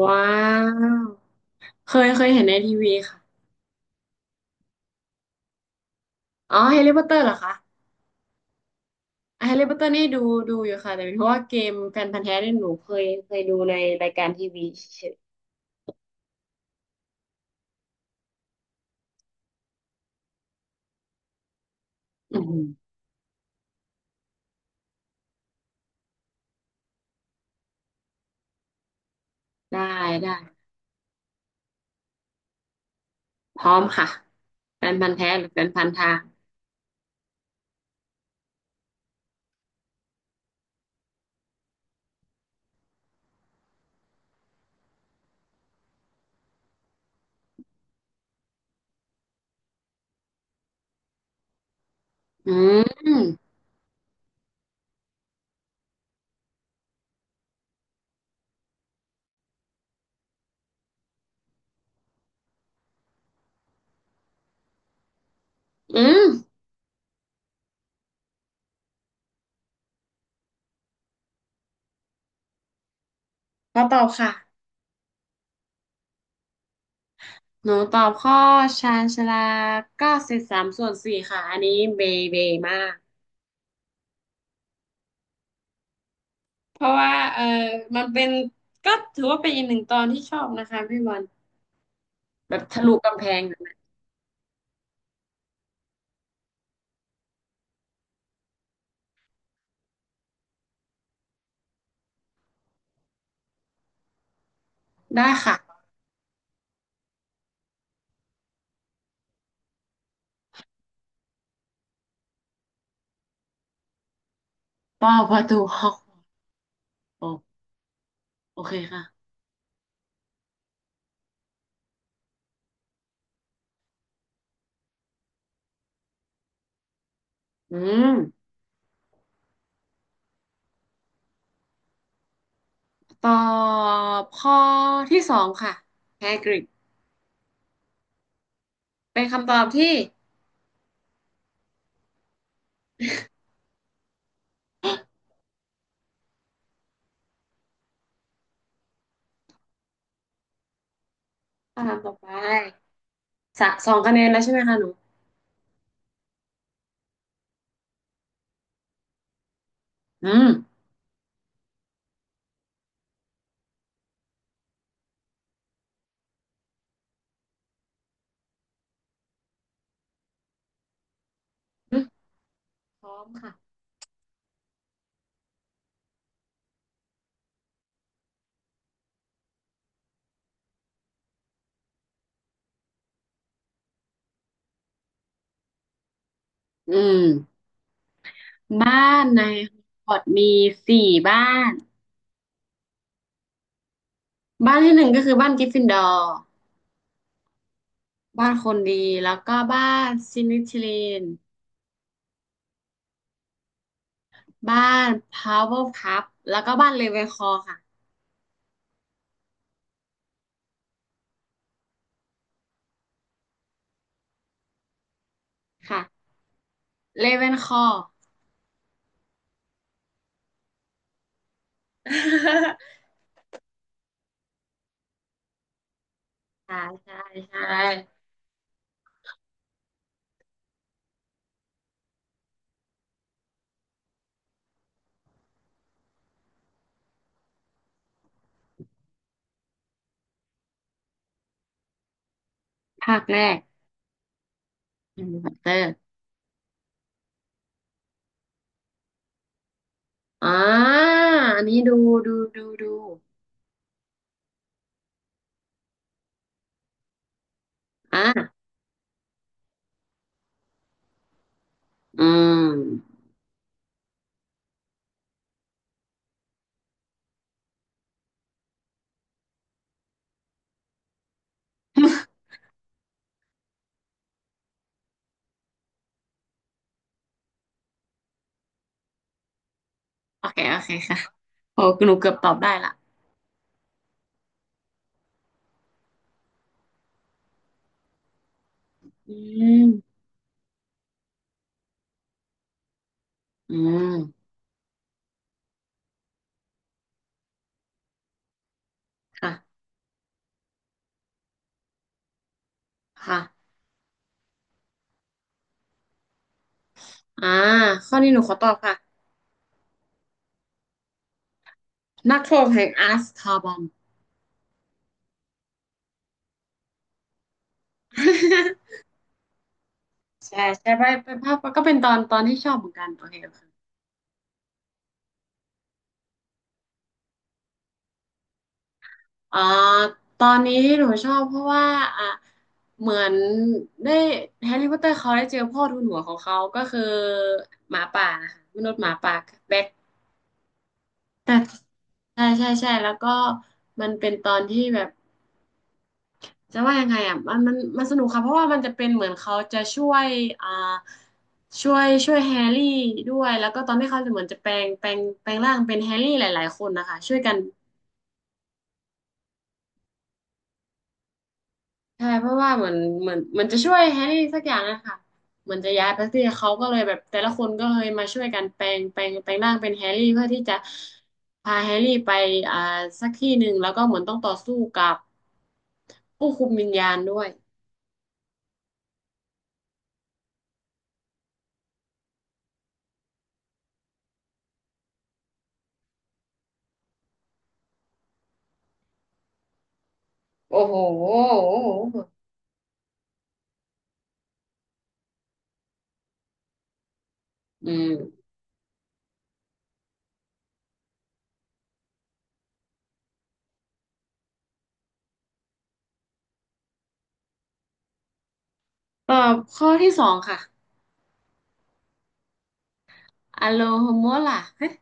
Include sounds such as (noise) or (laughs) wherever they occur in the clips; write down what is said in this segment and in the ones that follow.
ว้าว เคยเห็นในทีวีค่ะ อ๋อแฮร์รี่พอตเตอร์เหรอคะ เฮลแฮร์รี่พอตเตอร์นี่ดูอยู่ค่ะ แต่เป็นเพราะว่าเกมแฟนพันธุ์แท้เนี่ยหนูเคยดูในรายการทีวีเฉยอืมได้ได้พร้อมค่ะแฟนพันธุ์แท้หรือแฟนพันธุ์ทางอืมอืมขอตอบค่ะ หนูตอบข้อชาญชาลาเก้าสิบสามส่วนสี่ค่ะ อันนี้เบเบมาก เพราะว่ามันเป็นก็ถือว่าเป็นอีกหนึ่งตอนที่ชอบนะคะพี่บอลแบบทะลุกำแพง ได้ค่ะป้าประตูห้องโอโอเคค่ะอืมตอบข้อที่สองค่ะแฮกริดเป็นคำตอบที่คำถามต่อไปสะสองคะแนนแล้วใช่ไหมคะหนูอืมอืมพร้อมค่ะอืมบ้านในฮอกวอตส์มีสี่บ้านบ้านที่หนึ่งก็คือบ้านกริฟฟินดอร์บ้านคนดีแล้วก็บ้านซินิทิลีนบ้านพาวเวอร์พับแล้วก็บ้านเลเวนคลอว์ค่ะค่ะเลเวนคลอว์ (laughs) ใช่ใช่ใช่ภาคแรกแฮร์รี่พอตเตอร์อ่าอันนี้ดูดูอ่าอืมโอเคโอเคค่ะโอ้หนูเกือบตอบได้ละอืมอืมค่ะค่ะอ่าข้อนี้หนูขอตอบค่ะนักโทษแห่งอาร์สคาบอม (laughs) ใช่ใช่ไปภาพก็เป็นตอนที่ชอบเหมือนกันโอเคโอเค อ่าตอนนี้ที่หนูชอบเพราะว่าอ่ะเหมือนได้แฮร์รี่พอตเตอร์เขาได้เจอพ่อทูลหัวของเขาก็คือหมาป่านะคะมนุษย์หมาป่าแบ็คแต่ใช่ใช่ใช่แล้วก็มันเป็นตอนที่แบบจะว่ายังไงอ่ะมันสนุกค่ะเพราะว่ามันจะเป็นเหมือนเขาจะอ่าช่วยแฮร์รี่ด้วยแล้วก็ตอนที่เขาจะเหมือนจะแปลงร่างเป็นแฮร์รี่หลายๆคนนะคะช่วยกัน ใช่เพราะว่าเหมือนมันจะช่วยแฮร์รี่สักอย่างนะคะเหมือนจะย้ายไปที่เขาก็เลยแบบแต่ละคนก็เลยมาช่วยกันแปลงร่างเป็นแฮร์รี่เพื่อที่จะพาแฮร์รี่ไปอ่าสักที่หนึ่งแล้วก็เหมือนต้องต่อสู้กับผู้คุมวิญญาณด้วยโอ้โหอืมตอบข้อที่สองค่ะอโลโฮมัวล่ะเฮ้ย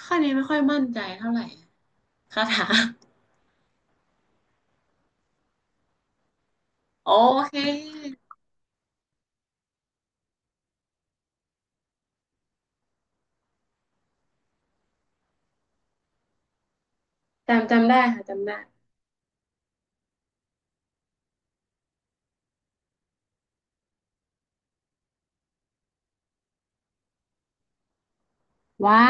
ข้อนี้ไม่ค่อยมั่นใจเท่าไหร่คาถาโอเคจำได้ค่ะจำได้ว่า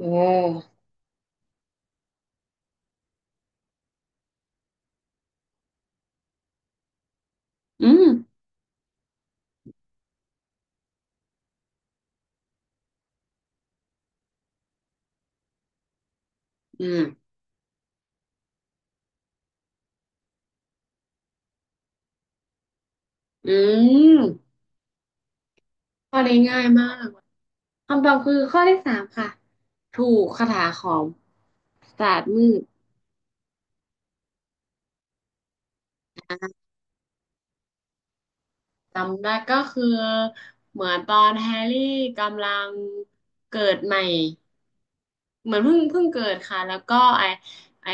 โอ้อืมอืม อืมข้อนี้ง่ายมากคำตอบคือข้อที่สามค่ะ ถูกคาถาของศาสตร์มืดจำได้ก็คือเหมือนตอนแฮร์รี่กำลังเกิดใหม่เหมือนเพิ่งเกิดค่ะแล้วก็ไอ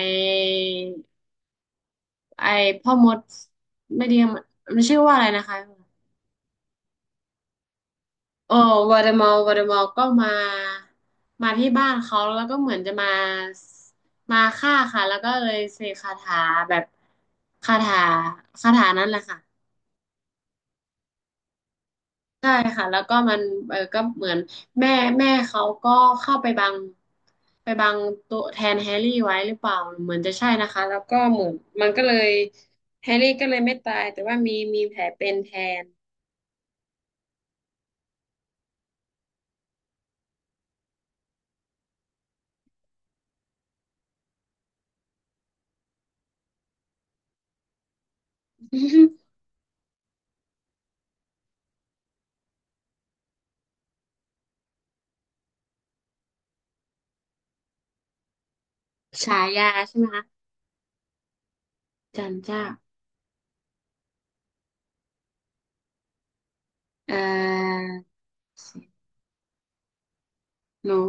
ไอพ่อมดไม่ดีมันชื่อว่าอะไรนะคะ เออวอเดมอลก็มาที่บ้านเขาแล้วก็เหมือนจะมาฆ่าค่ะแล้วก็เลยเสกคาถาแบบคาถาคาถานั้นแหละค่ะใช่ค่ะแล้วก็มันเออก็เหมือนแม่แม่เขาก็เข้าไปบังตัวแทนแฮร์รี่ไว้หรือเปล่าเหมือนจะใช่นะคะแล้วก็เหมือนมันก็เลยแฮร์รี่ก็เลยไม่ตายแต่ว่ามีแผลเป็นแทน (laughs) ฉายาใช่ไหมคะจันเจ้าเอ่อ นก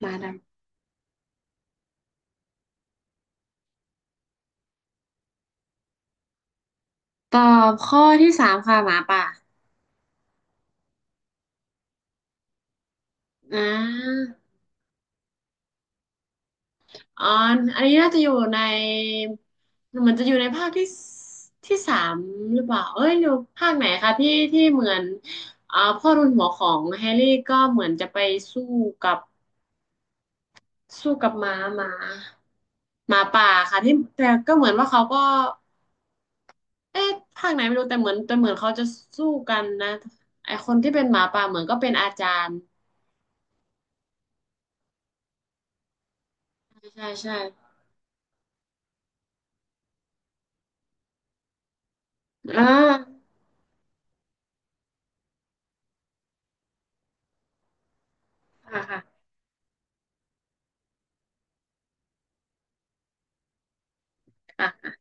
หมาดำตอบข้อที่สามค่ะหมาป่าอ่าอ๋ออันนี้น่าจะอยู่ในเหมือนจะอยู่ในภาคที่สามหรือเปล่าเอ้ยหรือภาคไหนคะที่ที่เหมือนพ่อรุนหัวของแฮร์รี่ก็เหมือนจะไปสู้กับสู้กับหมาป่าค่ะที่แต่ก็เหมือนว่าเขาก็เอ๊ะภาคไหนไม่รู้แต่เหมือนเขาจะสู้กันนะไอคนที่เป็นหมาป่าเหมือนก็เป็นอาจารย์ใช่ใช่ใช่อ่า ค่ะค่ะค่ะ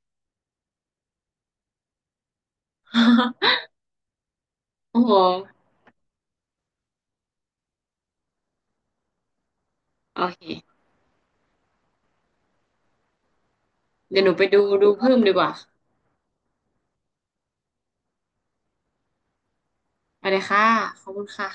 (laughs) โอ้โห โอเค เดี๋ยวหนูไปดูเพิ่มดีกว่า ไปเลยค่ะ ขอบคุณค่ะ